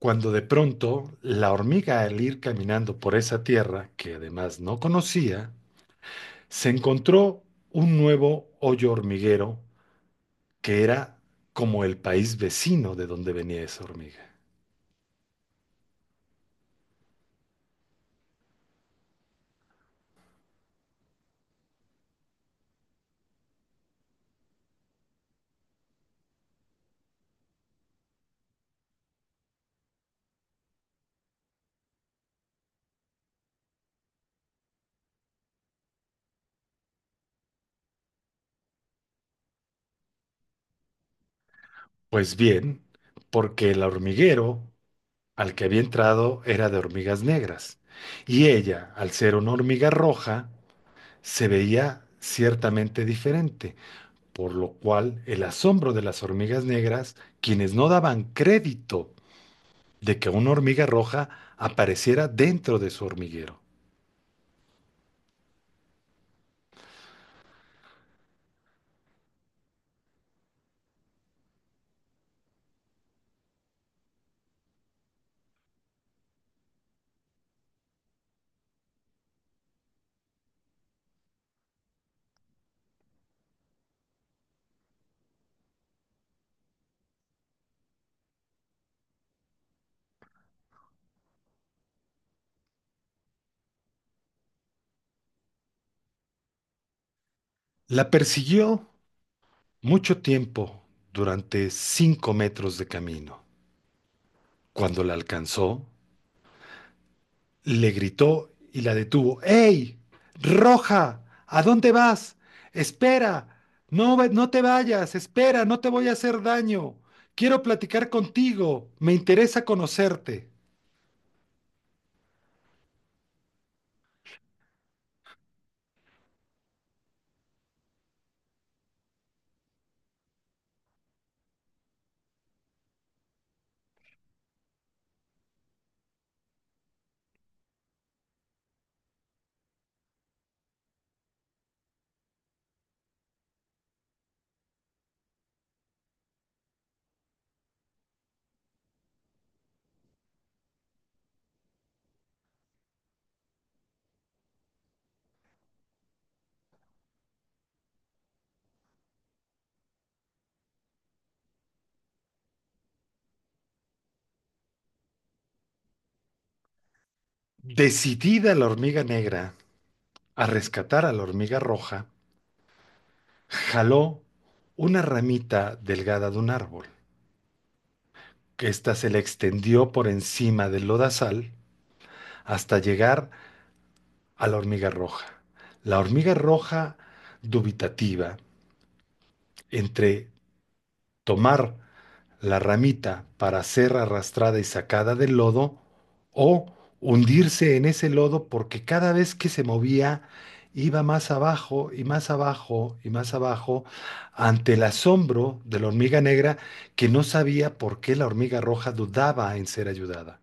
Cuando de pronto la hormiga al ir caminando por esa tierra, que además no conocía, se encontró un nuevo hoyo hormiguero que era como el país vecino de donde venía esa hormiga. Pues bien, porque el hormiguero al que había entrado era de hormigas negras, y ella, al ser una hormiga roja, se veía ciertamente diferente, por lo cual el asombro de las hormigas negras, quienes no daban crédito de que una hormiga roja apareciera dentro de su hormiguero. La persiguió mucho tiempo durante 5 metros de camino. Cuando la alcanzó, le gritó y la detuvo. ¡Ey! ¡Roja! ¿A dónde vas? ¡Espera! No, no te vayas, espera, no te voy a hacer daño. Quiero platicar contigo, me interesa conocerte. Decidida la hormiga negra a rescatar a la hormiga roja, jaló una ramita delgada de un árbol. Esta se le extendió por encima del lodazal hasta llegar a la hormiga roja. La hormiga roja, dubitativa entre tomar la ramita para ser arrastrada y sacada del lodo o hundirse en ese lodo porque cada vez que se movía iba más abajo y más abajo y más abajo ante el asombro de la hormiga negra que no sabía por qué la hormiga roja dudaba en ser ayudada.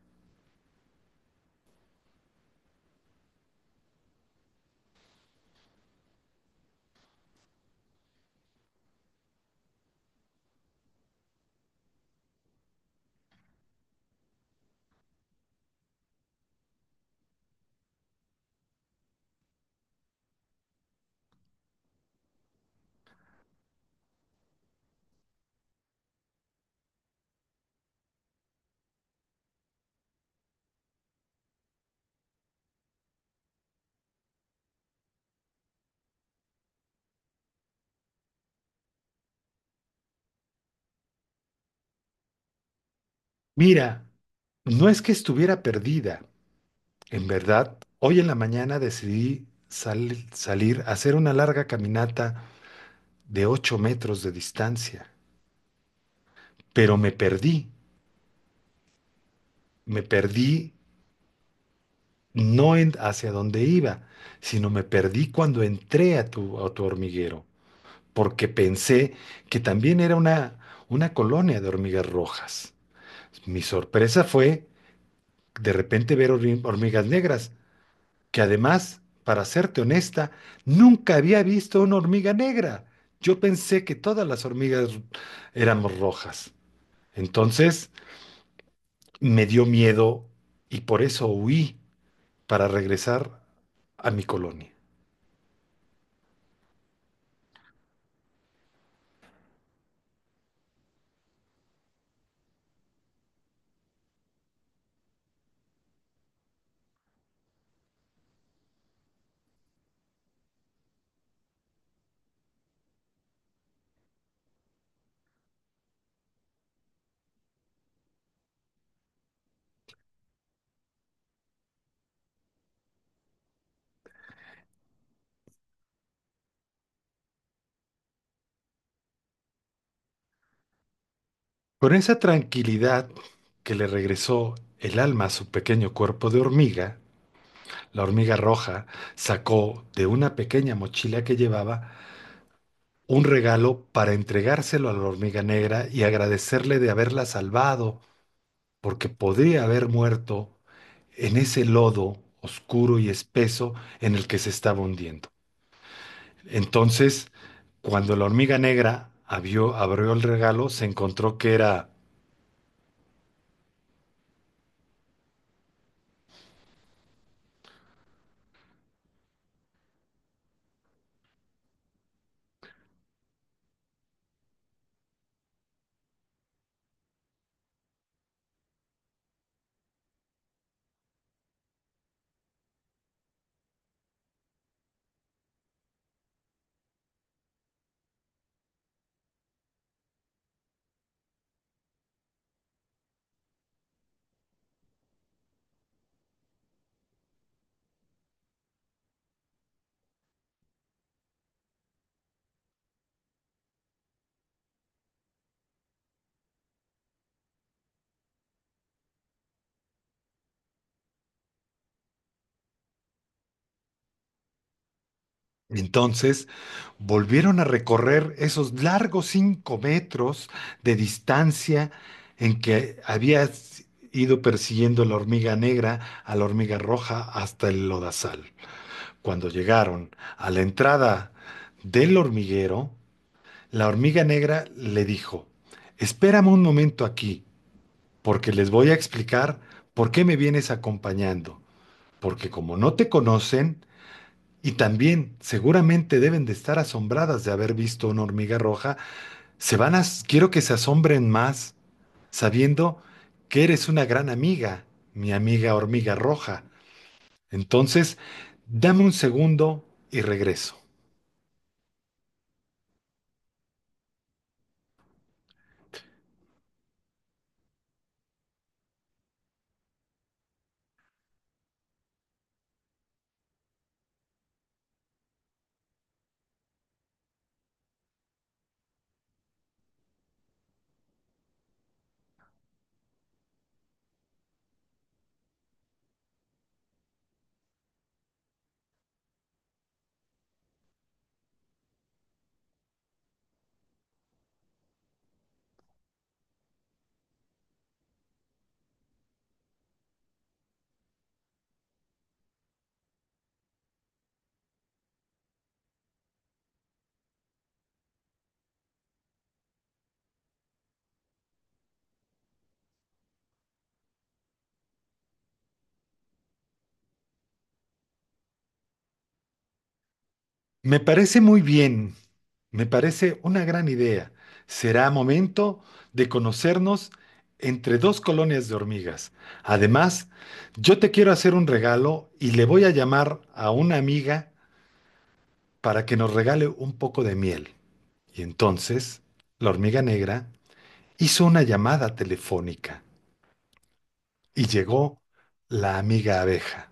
Mira, no es que estuviera perdida, en verdad, hoy en la mañana decidí salir a hacer una larga caminata de 8 metros de distancia. Pero me perdí no en hacia dónde iba, sino me perdí cuando entré a tu hormiguero, porque pensé que también era una colonia de hormigas rojas. Mi sorpresa fue de repente ver hormigas negras, que además, para serte honesta, nunca había visto una hormiga negra. Yo pensé que todas las hormigas éramos rojas. Entonces me dio miedo y por eso huí para regresar a mi colonia. Con esa tranquilidad que le regresó el alma a su pequeño cuerpo de hormiga, la hormiga roja sacó de una pequeña mochila que llevaba un regalo para entregárselo a la hormiga negra y agradecerle de haberla salvado, porque podría haber muerto en ese lodo oscuro y espeso en el que se estaba hundiendo. Entonces, cuando la hormiga negra abrió el regalo, se encontró que era. Entonces volvieron a recorrer esos largos 5 metros de distancia en que había ido persiguiendo la hormiga negra a la hormiga roja hasta el lodazal. Cuando llegaron a la entrada del hormiguero, la hormiga negra le dijo, espérame un momento aquí, porque les voy a explicar por qué me vienes acompañando, porque como no te conocen, y también, seguramente deben de estar asombradas de haber visto una hormiga roja. Quiero que se asombren más, sabiendo que eres una gran amiga, mi amiga hormiga roja. Entonces, dame un segundo y regreso. Me parece muy bien, me parece una gran idea. Será momento de conocernos entre dos colonias de hormigas. Además, yo te quiero hacer un regalo y le voy a llamar a una amiga para que nos regale un poco de miel. Y entonces, la hormiga negra hizo una llamada telefónica y llegó la amiga abeja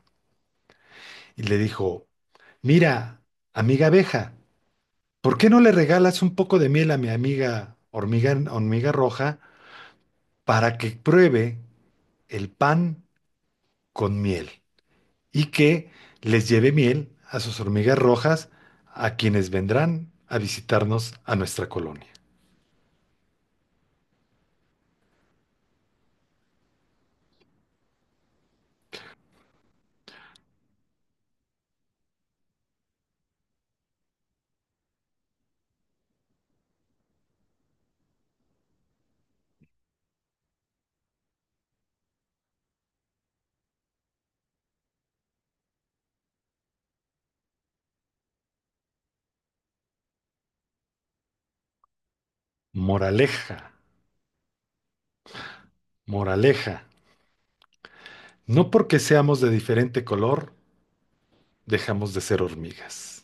y le dijo, mira, amiga abeja, ¿por qué no le regalas un poco de miel a mi amiga hormiga roja para que pruebe el pan con miel y que les lleve miel a sus hormigas rojas a quienes vendrán a visitarnos a nuestra colonia? Moraleja. Moraleja, no porque seamos de diferente color, dejamos de ser hormigas.